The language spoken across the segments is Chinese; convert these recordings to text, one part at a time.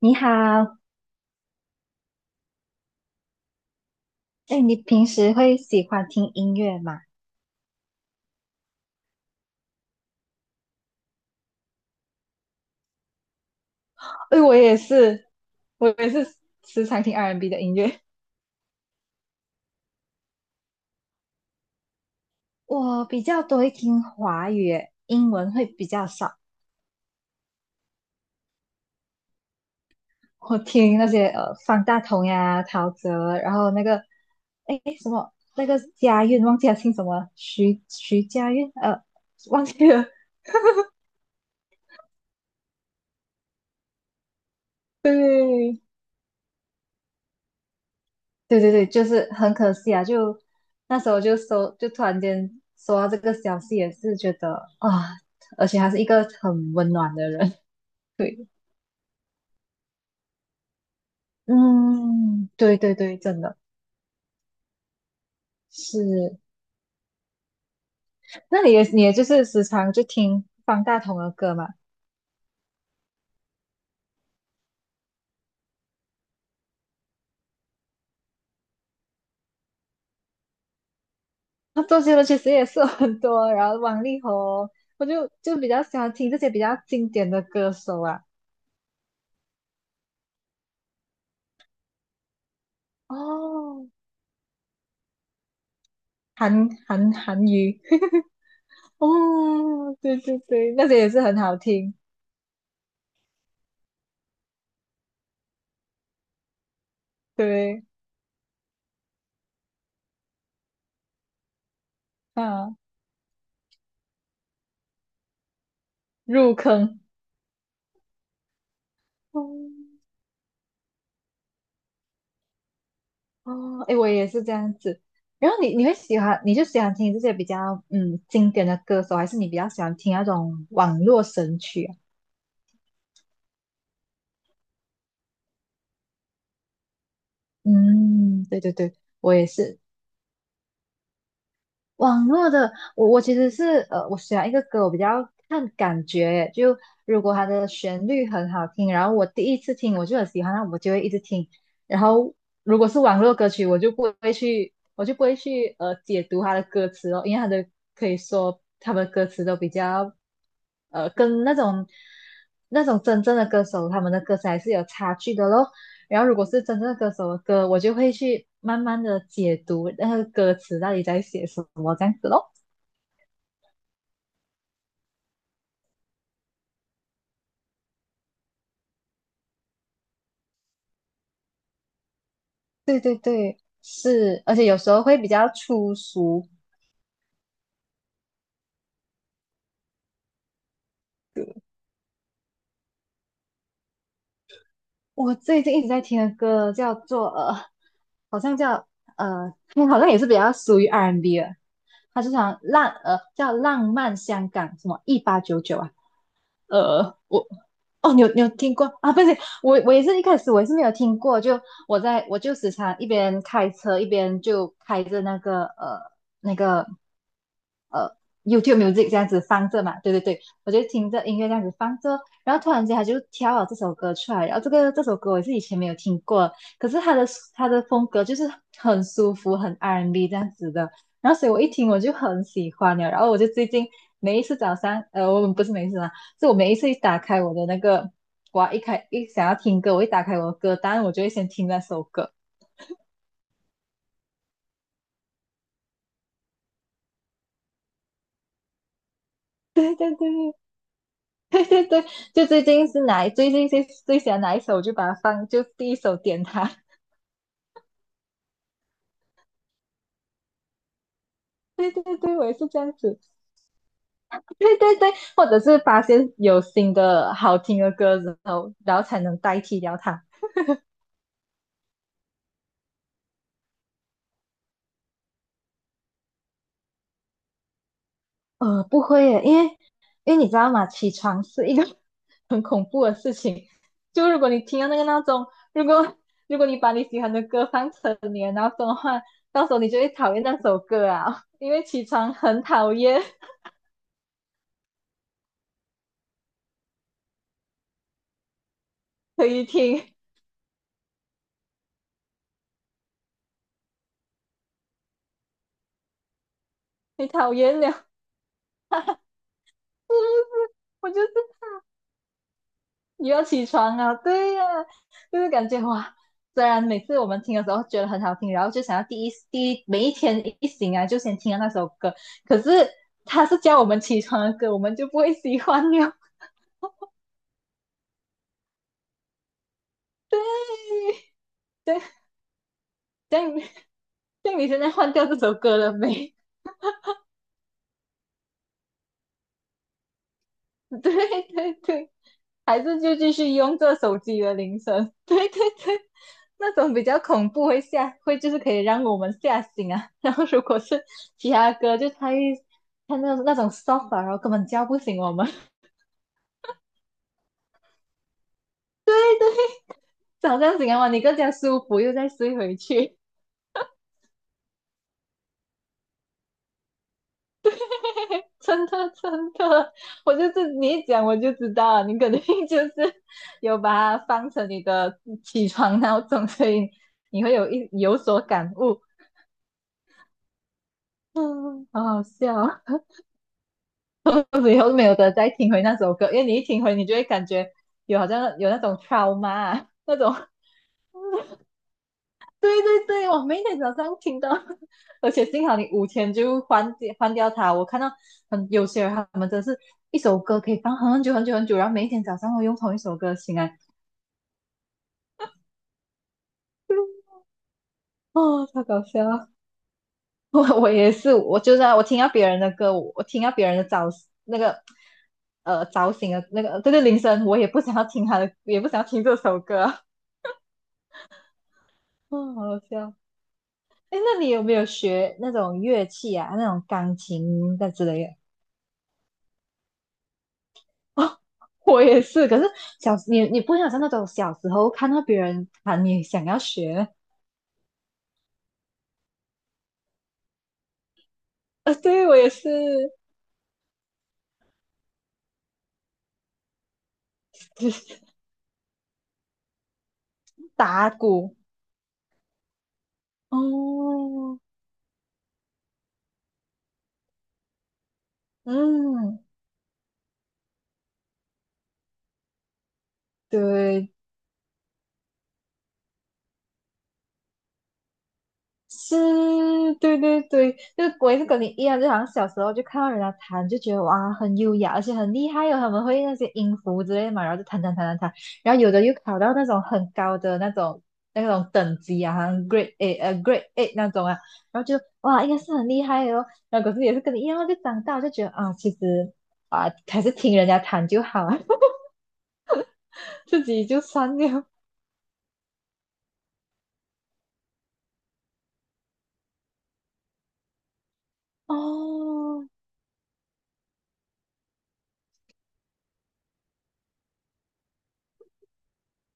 你好，哎，你平时会喜欢听音乐吗？哎，我也是，我也是时常听 R&B 的音乐。我比较多会听华语耶，英文会比较少。我听那些方大同呀、陶喆，然后那个哎什么那个佳韵，忘记了姓什么，徐佳韵，忘记了。对，对对对，就是很可惜啊！就那时候就收，就突然间收到这个消息，也是觉得啊，而且他是一个很温暖的人。对，嗯，对对对，真的是。那你也就是时常就听方大同的歌嘛？那周杰伦其实也是有很多，然后王力宏，我就比较喜欢听这些比较经典的歌手啊。哦，韩语，哦，对对对，那些也是很好听。对，啊，入坑，嗯，哦，哎，我也是这样子。然后你会喜欢，你就喜欢听这些比较经典的歌手，还是你比较喜欢听那种网络神曲啊？嗯，对对对，我也是。网络的，我其实是我选一个歌，我比较看感觉，就如果它的旋律很好听，然后我第一次听我就很喜欢，那我就会一直听。然后如果是网络歌曲，我就不会去解读它的歌词哦，因为它的可以说他们的歌词都比较跟那种真正的歌手他们的歌词还是有差距的咯。然后如果是真正的歌手的歌，我就会去慢慢的解读那个歌词到底在写什么这样子咯。对对对，是，而且有时候会比较粗俗。我最近一直在听的歌叫做好像叫，嗯好像也是比较属于 R&B 的，它就像叫浪漫香港什么1899啊，我哦，你有听过啊？不是，我也是一开始我也是没有听过，就我就时常一边开车一边就开着那个那个呃 YouTube Music 这样子放着嘛，对对对，我就听着音乐这样子放着，然后突然间他就挑了这首歌出来，然后这个这首歌我是以前没有听过，可是他的风格就是很舒服，很 R&B 这样子的，然后所以我一听我就很喜欢了，然后我就最近每一次早上，我们不是每一次啊，是我每一次一打开我的那个，我一开想要听歌，我一打开我的歌单，我就会先听那首歌，对对对。对对对，就最近是哪最近最喜欢哪一首，我就把它放，就第一首点它。对对对，我也是这样子。对对对，或者是发现有新的好听的歌之后，然后才能代替掉它。不会耶，因为你知道吗？起床是一个 很恐怖的事情。就如果你听到那个闹钟，如果如果你把你喜欢的歌放成你的闹钟的话，到时候你就会讨厌那首歌啊，因为起床很讨厌，可以听，你讨厌了。我就是你要起床啊，对呀、就是感觉哇，虽然每次我们听的时候觉得很好听，然后就想要第一每一天一醒来就先听到那首歌，可是他是叫我们起床的歌，我们就不会喜欢了。对，对，像你现在换掉这首歌了没？对对对，还是就继续用这手机的铃声，对对对，那种比较恐怖会吓，会就是可以让我们吓醒啊。然后如果是其他歌，就太他那soft，啊然后根本叫不醒我们，早上醒来哇，你更加舒服，又再睡回去。真的真的，我就是你一讲我就知道了，你肯定 就是有把它放成你的起床闹钟，所以你会有一有所感悟。嗯，好好笑啊。我以后没有得再听回那首歌，因为你一听回，你就会感觉有好像有那种 t r 那种。对对对，我每天早上听到，而且幸好你5天就换掉它。我看到很有些人他们真是一首歌可以放很久很久很久，然后每一天早上会用同一首歌醒来，哦，太搞笑了。我也是，我就是啊我听到别人的歌，我听到别人的早那个早醒的那个这个铃声，我也不想要听他的，也不想要听这首歌。哦，好好笑。哎，那你有没有学那种乐器啊？那种钢琴的之类的？哦，我也是，可是小你不会有像那种小时候看到别人弹，你想要学？对，我也是，就是打鼓。哦，嗯，对，是，对对对，就我也是跟你一样，就好像小时候就看到人家弹，就觉得哇很优雅，而且很厉害哦，他们会那些音符之类的嘛，然后就弹弹弹弹弹，然后有的又考到那种很高的那种等级啊，好像 g r e a t A 那种啊，然后就哇应该是很厉害的哦，然后可是也是跟你一样，就长大就觉得啊其实啊还是听人家弹就好啊，自己就算了哦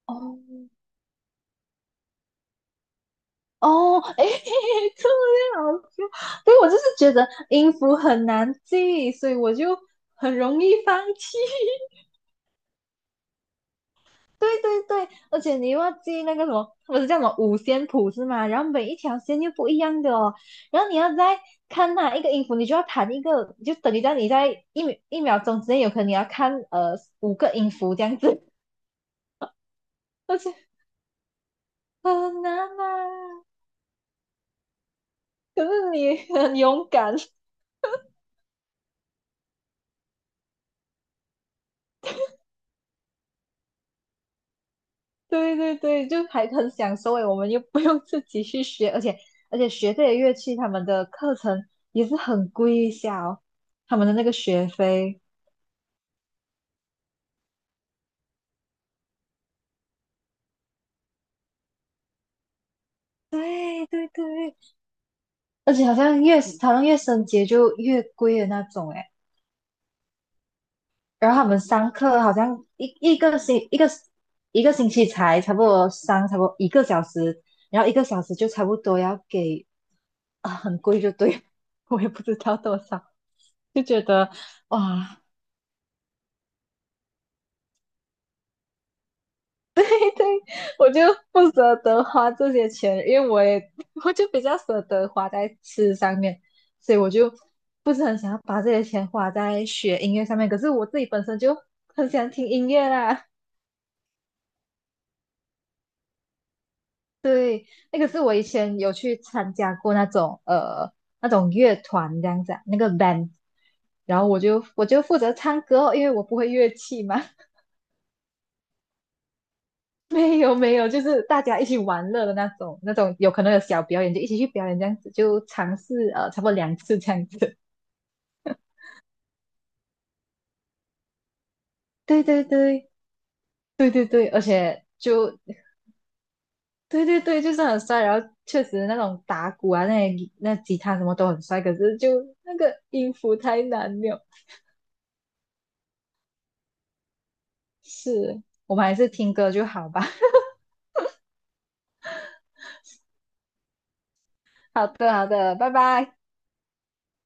哦。哦，哎，这样好笑。所以我就是觉得音符很难记，所以我就很容易放弃。对对对，而且你又要记那个什么，不是叫什么五线谱是吗？然后每一条线又不一样的哦，然后你要再看哪一个音符，你就要弹一个，就等于在你在一秒一秒钟之内，有可能你要看5个音符这样子，而且很难啊。可是你很勇敢。对对对，就还很享受诶，我们又 不用自己去学，而且学这些乐器，他们的课程也是很贵一下哦，他们的那个学费。对对对，而且好像越升级就越贵的那种诶，然后他们上课好像一个星期才差不多上差不多一个小时，然后一个小时就差不多要给啊很贵就对了，我也不知道多少，就觉得哇 对我就不舍得花这些钱，因为我我就比较舍得花在吃上面，所以我就不是很想要把这些钱花在学音乐上面。可是我自己本身就很喜欢听音乐啦，那个是我以前有去参加过那种那种乐团这样子啊那个 band，然后我就负责唱歌哦因为我不会乐器嘛，没有没有，就是大家一起玩乐的那种，那种有可能有小表演就一起去表演这样子，就尝试差不多2次这样子。对对对对对对，而且就对对对，就是很帅，然后确实那种打鼓啊，那些那吉他什么都很帅，可是就那个音符太难了。是，我们还是听歌就好吧。好的好的，拜拜。